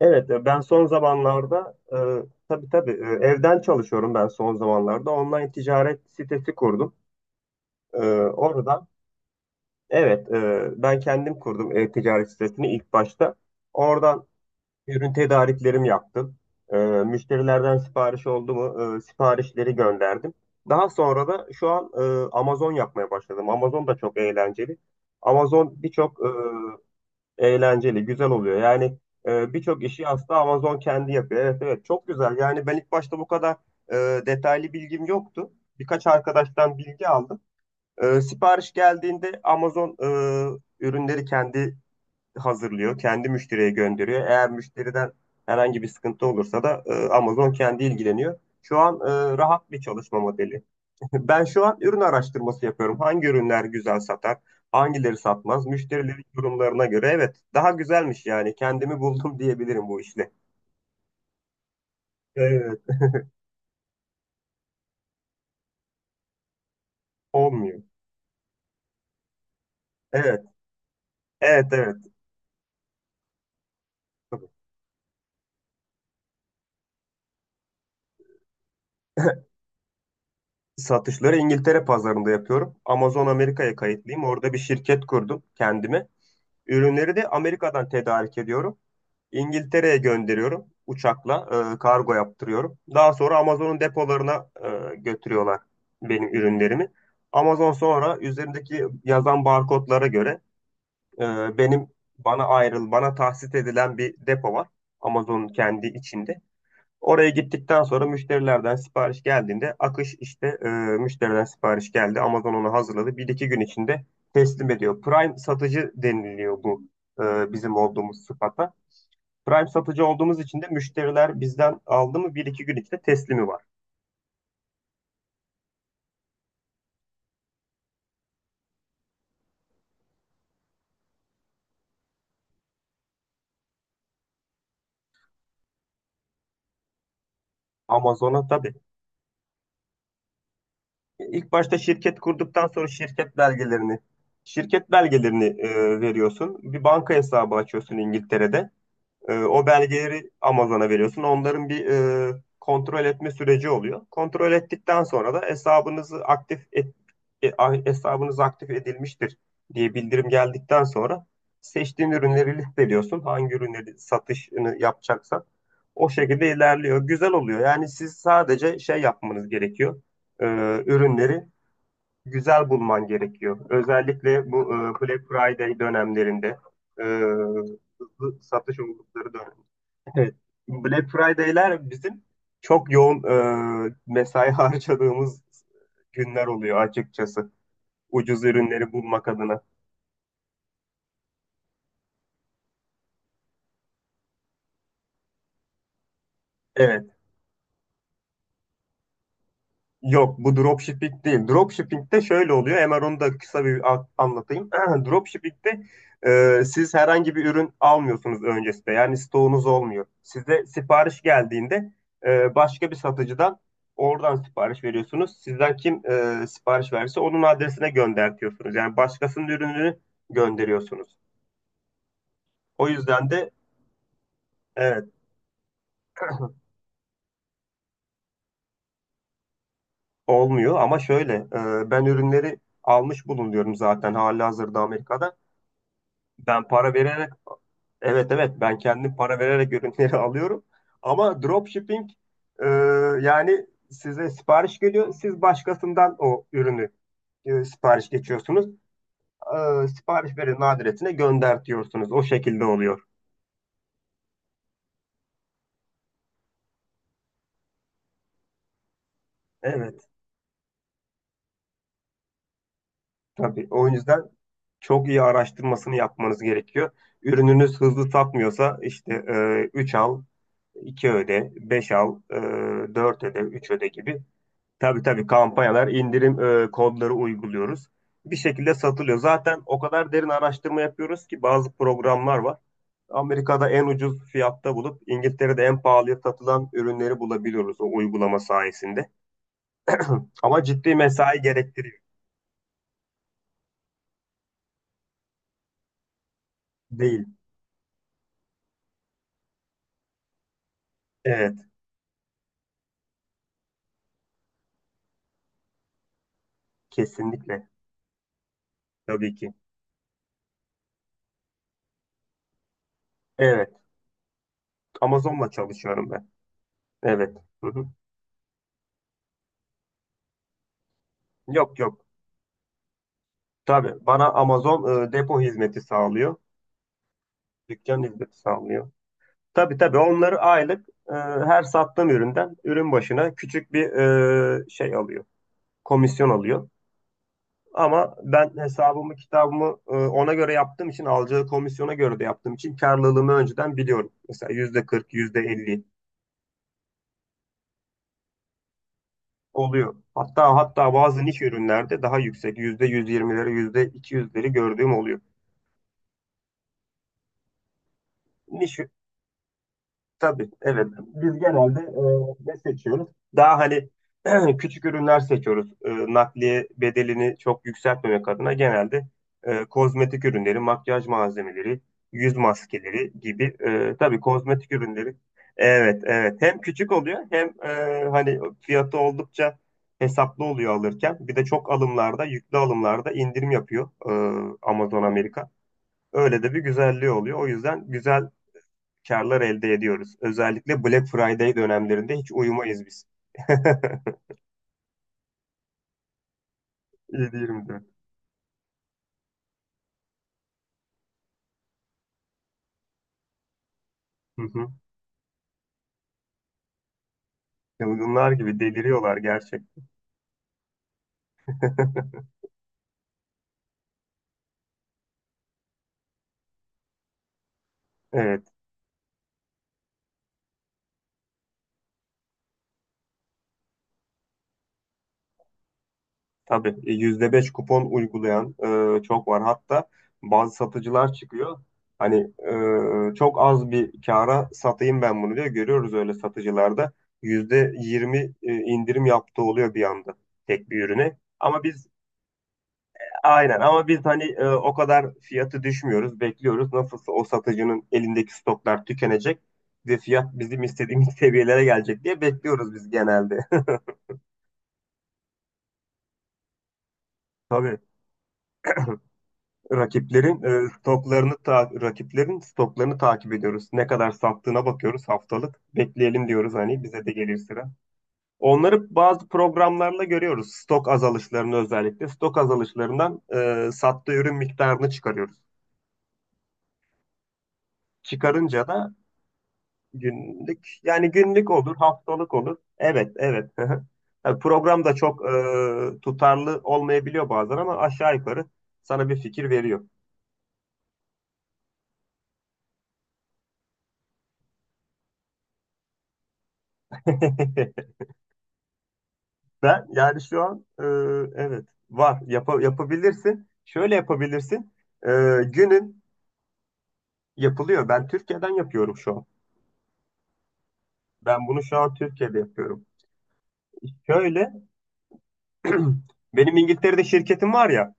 Evet, ben son zamanlarda tabii tabii evden çalışıyorum ben son zamanlarda. Online ticaret sitesi kurdum. E, Oradan. Evet, ben kendim kurdum e-ticaret sitesini ilk başta. Oradan ürün tedariklerimi yaptım. Müşterilerden sipariş oldu mu, siparişleri gönderdim. Daha sonra da şu an Amazon yapmaya başladım. Amazon da çok eğlenceli. Amazon birçok e, Eğlenceli, güzel oluyor. Yani birçok işi aslında Amazon kendi yapıyor. Evet evet, çok güzel. Yani ben ilk başta bu kadar e, detaylı bilgim yoktu. Birkaç arkadaştan bilgi aldım. Sipariş geldiğinde Amazon ürünleri kendi hazırlıyor, kendi müşteriye gönderiyor. Eğer müşteriden herhangi bir sıkıntı olursa da Amazon kendi ilgileniyor. Şu an rahat bir çalışma modeli. Ben şu an ürün araştırması yapıyorum. Hangi ürünler güzel satar, hangileri satmaz, müşterilerin yorumlarına göre. Evet, daha güzelmiş yani. Kendimi buldum diyebilirim bu işle. Evet, olmuyor. Evet, evet, evet. Tabii. Satışları İngiltere pazarında yapıyorum. Amazon Amerika'ya kayıtlıyım. Orada bir şirket kurdum kendime. Ürünleri de Amerika'dan tedarik ediyorum. İngiltere'ye gönderiyorum uçakla, kargo yaptırıyorum. Daha sonra Amazon'un depolarına götürüyorlar benim ürünlerimi. Amazon sonra üzerindeki yazan barkodlara göre e, benim bana tahsis edilen bir depo var. Amazon'un kendi içinde. Oraya gittikten sonra müşterilerden sipariş geldiğinde akış işte müşteriden sipariş geldi, Amazon onu hazırladı, bir iki gün içinde teslim ediyor. Prime satıcı deniliyor bu, bizim olduğumuz sıfata. Prime satıcı olduğumuz için de müşteriler bizden aldı mı bir iki gün içinde teslimi var. Amazon'a tabii. İlk başta şirket kurduktan sonra şirket belgelerini, veriyorsun. Bir banka hesabı açıyorsun İngiltere'de. O belgeleri Amazon'a veriyorsun. Onların bir kontrol etme süreci oluyor. Kontrol ettikten sonra da e, hesabınız aktif edilmiştir diye bildirim geldikten sonra seçtiğin ürünleri listeliyorsun. Hangi ürünleri satışını yapacaksan o şekilde ilerliyor. Güzel oluyor. Yani siz sadece şey yapmanız gerekiyor. E, Ürünleri güzel bulman gerekiyor. Özellikle bu Black Friday dönemlerinde, e, satış oldukları dönemlerinde. Evet. Black Friday'ler bizim çok yoğun mesai harcadığımız günler oluyor açıkçası. Ucuz ürünleri bulmak adına. Evet. Yok, bu dropshipping değil. Dropshipping'de şöyle oluyor. Hemen onu da kısa anlatayım. Dropshipping'de siz herhangi bir ürün almıyorsunuz öncesinde. Yani stoğunuz olmuyor. Size sipariş geldiğinde başka bir satıcıdan oradan sipariş veriyorsunuz. Sizden kim sipariş verirse onun adresine göndertiyorsunuz. Yani başkasının ürününü gönderiyorsunuz. O yüzden de evet, olmuyor, ama şöyle, ben ürünleri almış bulunuyorum zaten halihazırda Amerika'da. Ben para vererek Evet evet, ben kendim para vererek ürünleri alıyorum. Ama dropshipping, e, yani size sipariş geliyor, siz başkasından o ürünü sipariş geçiyorsunuz. Sipariş verenin adresine gönder diyorsunuz. O şekilde oluyor. Evet, tabii o yüzden çok iyi araştırmasını yapmanız gerekiyor. Ürününüz hızlı satmıyorsa işte 3 al 2 öde, 5 al, 4 öde, 3 öde gibi. Tabii tabii, kampanyalar, indirim kodları uyguluyoruz. Bir şekilde satılıyor. Zaten o kadar derin araştırma yapıyoruz ki, bazı programlar var. Amerika'da en ucuz fiyatta bulup İngiltere'de en pahalıya satılan ürünleri bulabiliyoruz o uygulama sayesinde. Ama ciddi mesai gerektiriyor. Değil. Evet, kesinlikle. Tabii ki. Evet. Amazon'la çalışıyorum ben. Evet. Hı hı. Yok yok. Tabii, bana Amazon depo hizmeti sağlıyor. Dükkan hizmeti sağlıyor. Tabii tabii, onları aylık, her sattığım üründen ürün başına küçük bir şey alıyor. Komisyon alıyor. Ama ben hesabımı kitabımı ona göre yaptığım için, alacağı komisyona göre de yaptığım için, karlılığımı önceden biliyorum. Mesela yüzde 40, yüzde 50 oluyor. Hatta hatta, bazı niş ürünlerde daha yüksek, yüzde 120'leri, yüzde 200'leri gördüğüm oluyor. Niş Tabii, evet. Biz genelde ne seçiyoruz? Daha hani, küçük ürünler seçiyoruz. Nakliye bedelini çok yükseltmemek adına, genelde kozmetik ürünleri, makyaj malzemeleri, yüz maskeleri gibi. Tabii kozmetik ürünleri. Evet, evet. Hem küçük oluyor, hem hani fiyatı oldukça hesaplı oluyor alırken. Bir de çok alımlarda, yüklü alımlarda indirim yapıyor Amazon Amerika. Öyle de bir güzelliği oluyor. O yüzden güzel karlar elde ediyoruz. Özellikle Black Friday dönemlerinde hiç uyumayız biz. 7-24. Hı hı. Çılgınlar gibi deliriyorlar gerçekten. Evet, tabii. %5 kupon uygulayan çok var. Hatta bazı satıcılar çıkıyor. Hani, çok az bir kâra satayım ben bunu diyor. Görüyoruz öyle satıcılarda. %20 indirim yaptığı oluyor bir anda, tek bir ürüne. Ama biz Aynen, ama biz hani o kadar fiyatı düşmüyoruz, bekliyoruz. Nasılsa o satıcının elindeki stoklar tükenecek ve fiyat bizim istediğimiz seviyelere gelecek diye bekliyoruz biz genelde. Tabii, rakiplerin stoklarını takip ediyoruz. Ne kadar sattığına bakıyoruz haftalık. Bekleyelim diyoruz, hani bize de gelir sıra. Onları bazı programlarla görüyoruz. Stok azalışlarını özellikle. Stok azalışlarından sattığı ürün miktarını çıkarıyoruz. Çıkarınca da Günlük. Yani günlük olur, haftalık olur. Evet, evet. Yani program da çok tutarlı olmayabiliyor bazen, ama aşağı yukarı sana bir fikir veriyor. Ben yani şu an e, Evet, var, yapabilirsin. Şöyle yapabilirsin. E, günün Yapılıyor. Ben Türkiye'den yapıyorum şu an. Ben bunu şu an Türkiye'de yapıyorum. Şöyle, benim İngiltere'de şirketim var ya.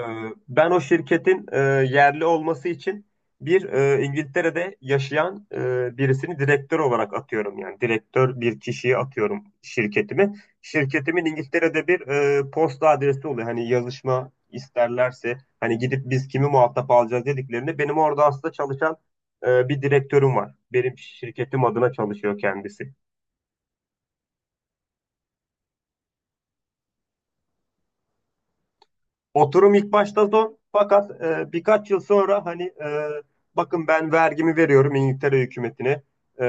Ee, Ben o şirketin yerli olması için bir, İngiltere'de yaşayan birisini direktör olarak atıyorum. Yani direktör bir kişiye atıyorum şirketimi. Şirketimin İngiltere'de bir posta adresi oluyor. Hani yazışma isterlerse, hani gidip biz kimi muhatap alacağız dediklerinde, benim orada aslında çalışan bir direktörüm var. Benim şirketim adına çalışıyor kendisi. Oturum ilk başta zor, fakat birkaç yıl sonra hani, bakın ben vergimi veriyorum İngiltere hükümetine E,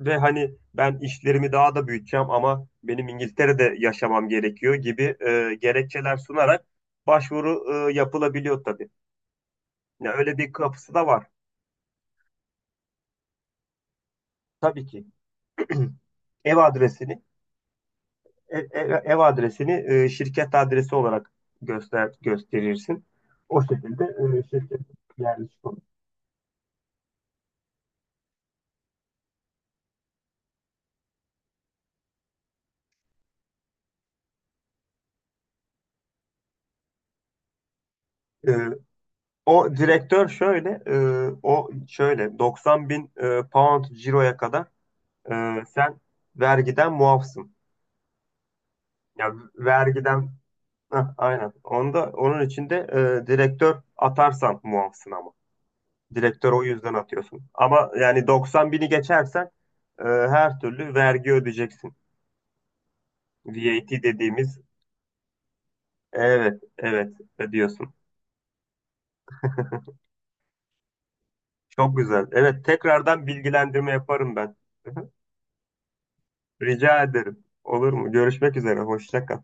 ve hani ben işlerimi daha da büyüteceğim, ama benim İngiltere'de yaşamam gerekiyor gibi gerekçeler sunarak başvuru yapılabiliyor tabii. Ya öyle bir kapısı da var tabii ki. Ev adresini e- e- ev, adresini, şirket adresi olarak gösterirsin. O şekilde şirket yerleşik olur. O direktör şöyle, e, O şöyle, 90 bin pound ciroya kadar sen vergiden muafsın. Ya vergiden, heh, aynen. Onun içinde direktör atarsan muafsın ama. Direktör o yüzden atıyorsun. Ama yani 90 bini geçersen her türlü vergi ödeyeceksin. VAT dediğimiz, evet, evet ödüyorsun. Çok güzel. Evet, tekrardan bilgilendirme yaparım ben. Rica ederim. Olur mu? Görüşmek üzere. Hoşça kal.